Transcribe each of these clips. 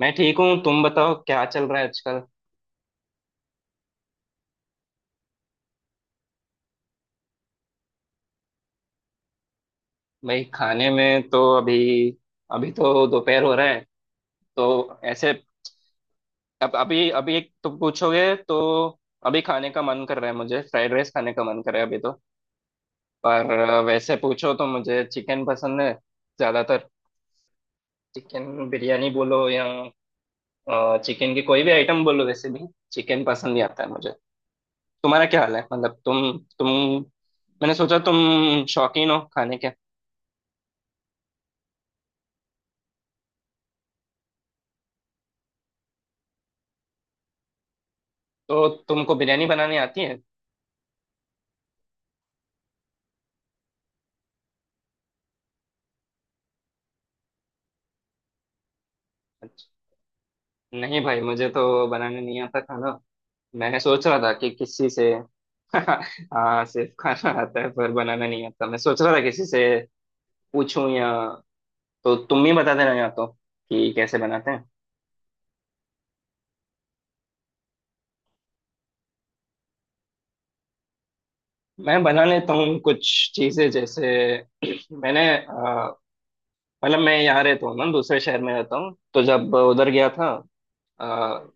मैं ठीक हूँ। तुम बताओ, क्या चल रहा है आजकल? भाई, खाने में तो अभी, अभी तो दोपहर हो रहा है। तो ऐसे, अब अभी अभी एक तुम पूछोगे तो अभी खाने का मन कर रहा है, मुझे फ्राइड राइस खाने का मन कर रहा है अभी तो। पर वैसे पूछो तो मुझे चिकन पसंद है, ज्यादातर। चिकन बिरयानी बोलो या चिकन की कोई भी आइटम बोलो, वैसे भी चिकन पसंद ही आता है मुझे। तुम्हारा क्या हाल है? मतलब तुम, मैंने सोचा तुम शौकीन हो खाने के। तो तुमको बिरयानी बनानी आती है? अच्छा। नहीं भाई, मुझे तो बनाने नहीं आता खाना। मैं सोच रहा था कि किसी से हाँ, सिर्फ खाना आता है, पर बनाना नहीं आता। मैं सोच रहा था किसी से पूछूं, या तो तुम ही बता देना, या तो कि कैसे बनाते हैं। मैं बना लेता हूँ कुछ चीजें जैसे मैंने मतलब मैं यहाँ रहता हूँ ना, दूसरे शहर में रहता हूँ, तो जब उधर गया था अ,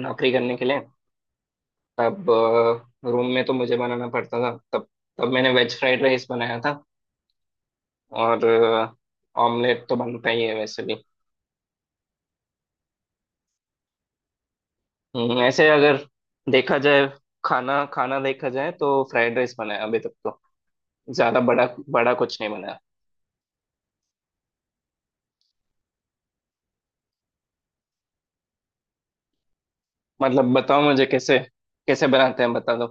नौकरी करने के लिए, तब रूम में तो मुझे बनाना पड़ता था। तब तब मैंने वेज फ्राइड राइस बनाया था, और ऑमलेट तो बनता ही है वैसे भी। ऐसे अगर देखा जाए, खाना खाना देखा जाए, तो फ्राइड राइस बनाया अभी तक तो। ज्यादा बड़ा बड़ा कुछ नहीं बनाया। मतलब बताओ मुझे, कैसे, कैसे बनाते हैं, बता दो।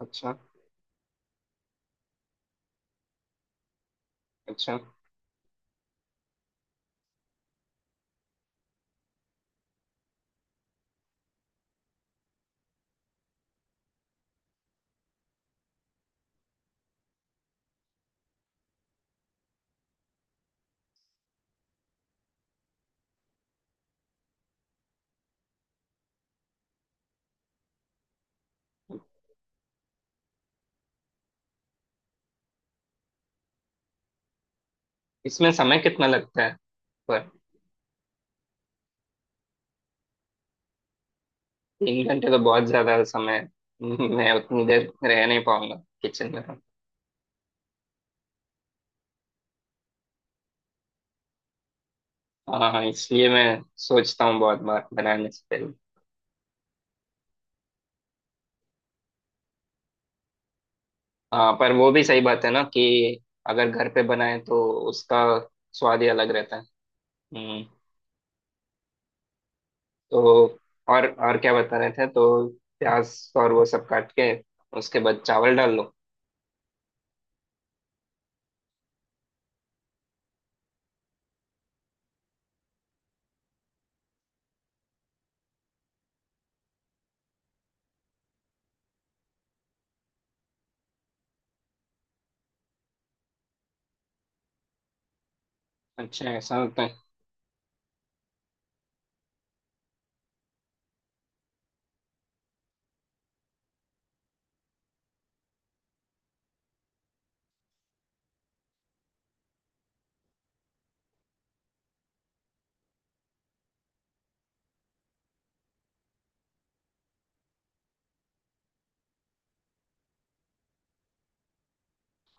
अच्छा, अच्छा। इसमें समय कितना लगता है? पर तीन घंटे तो बहुत ज्यादा समय है। मैं उतनी देर रह नहीं पाऊंगा किचन में। हाँ, हाँ, इसलिए मैं सोचता हूँ बहुत बार बनाने से पहले। हाँ, पर वो भी सही बात है ना, कि अगर घर पे बनाए तो उसका स्वाद ही अलग रहता है। हम्म। तो और क्या बता रहे थे? तो प्याज और वो सब काट के, उसके बाद चावल डाल लो। अच्छा, ऐसा होता है।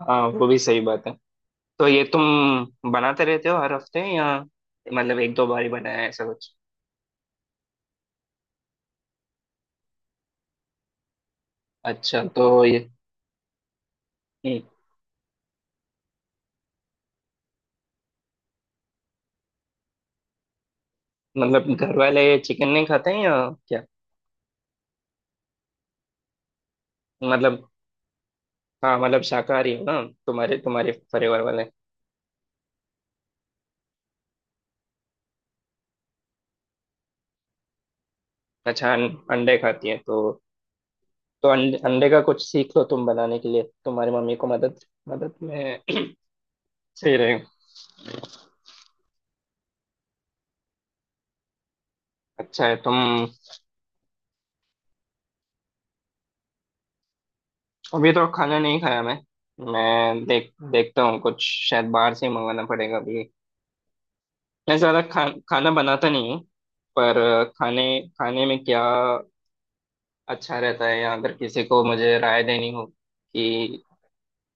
हाँ, वो भी सही बात है। तो ये तुम बनाते रहते हो हर हफ्ते, या मतलब एक दो बार ही बनाया है ऐसा कुछ? अच्छा, तो ये हम्म, मतलब घर वाले चिकन नहीं खाते हैं या क्या? मतलब हाँ, मतलब शाकाहारी हो ना, तुम्हारे तुम्हारे परिवार वाले? अच्छा, अंडे खाती है तो अंडे का कुछ सीख लो तुम बनाने के लिए, तुम्हारी मम्मी को मदद, मदद में सही रहे, अच्छा है तुम। अभी तो खाना नहीं खाया मैं। मैं देखता हूँ कुछ, शायद बाहर से ही मंगाना पड़ेगा अभी। मैं ज्यादा खाना बनाता नहीं हूँ, पर खाने खाने में क्या अच्छा रहता है, या अगर किसी को मुझे राय देनी हो कि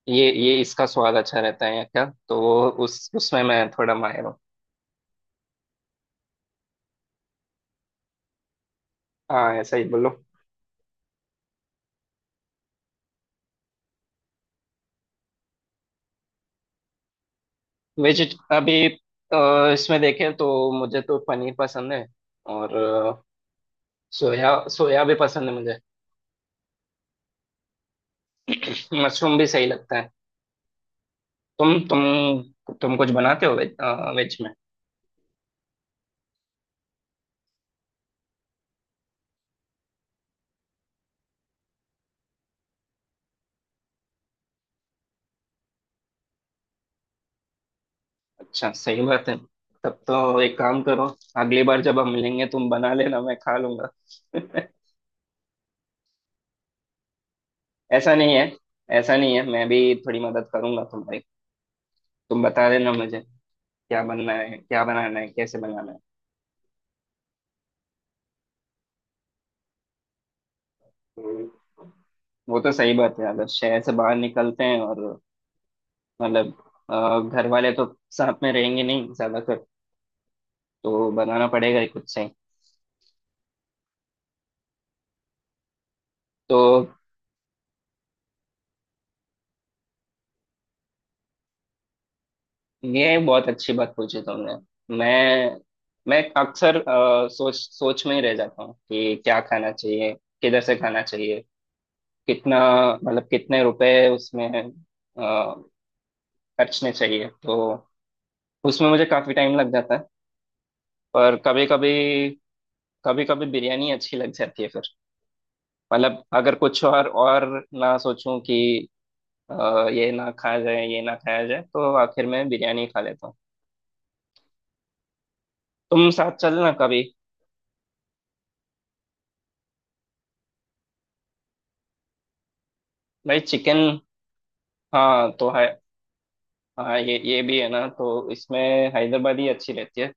ये इसका स्वाद अच्छा रहता है या क्या, तो वो उस उसमें मैं थोड़ा माहिर हूँ। हाँ, ऐसा ही बोलो। वेजिट अभी इसमें देखें तो मुझे तो पनीर पसंद है, और सोया सोया भी पसंद है मुझे, मशरूम भी सही लगता है। तुम कुछ बनाते हो वेज में? अच्छा, सही बात है। तब तो एक काम करो, अगली बार जब हम मिलेंगे, तुम बना लेना, मैं खा लूंगा। ऐसा नहीं है, ऐसा नहीं है, मैं भी थोड़ी मदद करूंगा तुम्हारी। तुम बता देना मुझे क्या बनना है, क्या बनाना है, कैसे बनाना है। वो तो सही बात है, अगर शहर से बाहर निकलते हैं और, मतलब घर वाले तो साथ में रहेंगे नहीं ज्यादातर, तो बनाना पड़ेगा ही खुद से ही। तो ये बहुत अच्छी बात पूछी तुमने। मैं मैं अक्सर सोच सोच में ही रह जाता हूँ कि क्या खाना चाहिए, किधर से खाना चाहिए, कितना, मतलब कितने रुपए उसमें अ, खर्चने चाहिए, तो उसमें मुझे काफी टाइम लग जाता है। पर कभी कभी बिरयानी अच्छी लग जाती है फिर। मतलब अगर कुछ और ना सोचूं कि ये ना खाया जाए, ये ना खाया जाए, तो आखिर में बिरयानी खा लेता हूँ। तुम साथ चलना कभी। भाई चिकन। हाँ, तो है। हाँ, ये भी है ना, तो इसमें हैदराबादी अच्छी रहती है,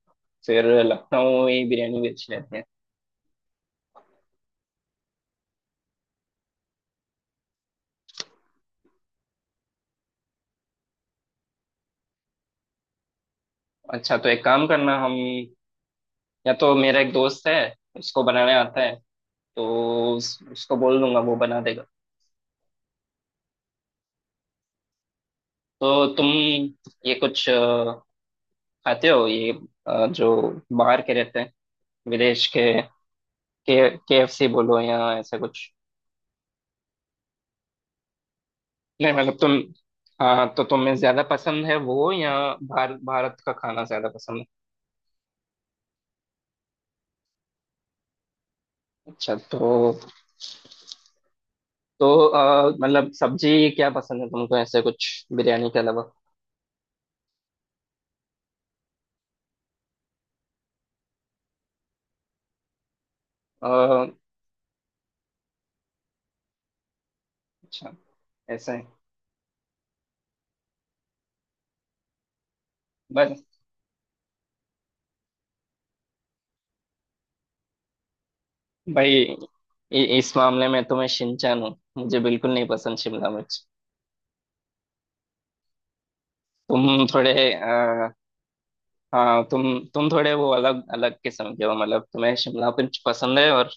फिर लखनवी बिरयानी भी अच्छी रहती है। अच्छा, तो एक काम करना, हम, या तो मेरा एक दोस्त है, उसको बनाने आता है, तो उसको बोल दूंगा, वो बना देगा। तो तुम ये कुछ खाते हो, ये जो बाहर के रहते हैं, विदेश के KFC बोलो या ऐसा कुछ? नहीं, मतलब तुम, हाँ, तो तुम्हें ज्यादा पसंद है वो, या भारत भारत का खाना ज्यादा पसंद है? अच्छा, तो मतलब सब्जी क्या पसंद है तुमको, ऐसे कुछ बिरयानी के अलावा? अ, अच्छा ऐसा है, बस। भाई, इस मामले में तो मैं शिनचैन हूँ, मुझे बिल्कुल नहीं पसंद शिमला मिर्च। तुम थोड़े हाँ, तुम थोड़े वो अलग अलग किस्म के हो, मतलब तुम्हें शिमला मिर्च पसंद है और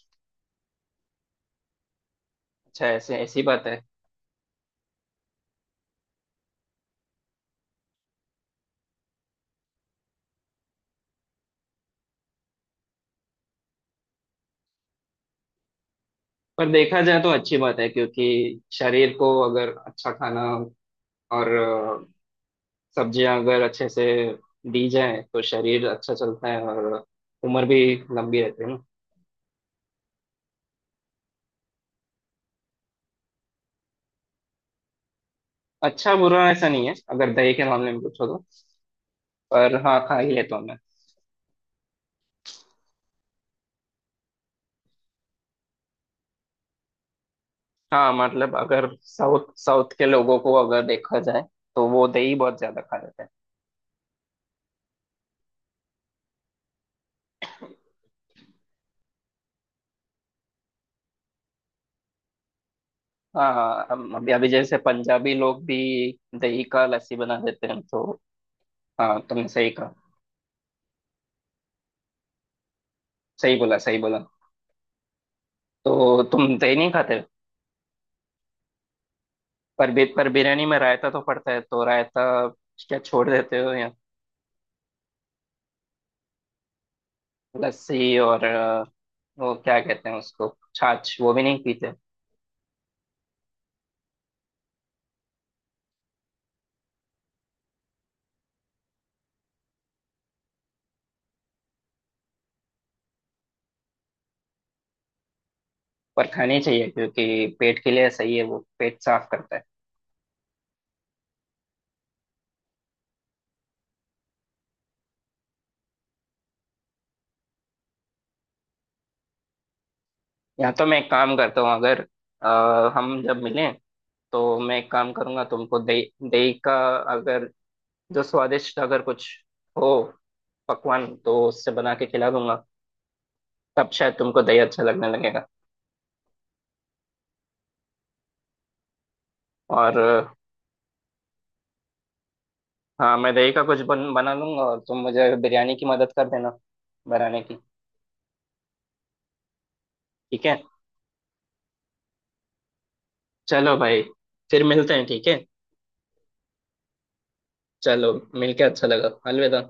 अच्छा, ऐसे ऐसी बात है। पर देखा जाए तो अच्छी बात है, क्योंकि शरीर को अगर अच्छा खाना, और सब्जियां अगर अच्छे से दी जाए तो शरीर अच्छा चलता है, और उम्र भी लंबी रहती है ना। अच्छा बुरा ऐसा नहीं है, अगर दही के मामले में पूछो तो। पर हाँ, खा ही लेता हूँ मैं। हाँ, मतलब अगर साउथ साउथ के लोगों को अगर देखा जाए, तो वो दही बहुत ज्यादा खा लेते हैं। हाँ, हाँ, अभी अभी जैसे पंजाबी लोग भी दही का लस्सी बना देते हैं तो। हाँ, तुमने सही कहा। सही बोला, सही बोला। तो तुम दही नहीं खाते? पर बिरयानी में रायता तो पड़ता है, तो रायता क्या छोड़ देते हो, या लस्सी और वो क्या कहते हैं उसको, छाछ वो भी नहीं पीते? पर खानी चाहिए, क्योंकि पेट के लिए सही है, वो पेट साफ करता है। या तो मैं एक काम करता हूँ, अगर हम जब मिलें तो मैं एक काम करूंगा तुमको दही दही का अगर जो स्वादिष्ट अगर कुछ हो पकवान, तो उससे बना के खिला दूंगा, तब शायद तुमको दही अच्छा लगने लगेगा। और हाँ, मैं दही का कुछ बना लूंगा, और तुम मुझे बिरयानी की मदद कर देना बनाने की। ठीक है? चलो भाई, फिर मिलते हैं ठीक है। चलो, मिलके अच्छा लगा, अलविदा।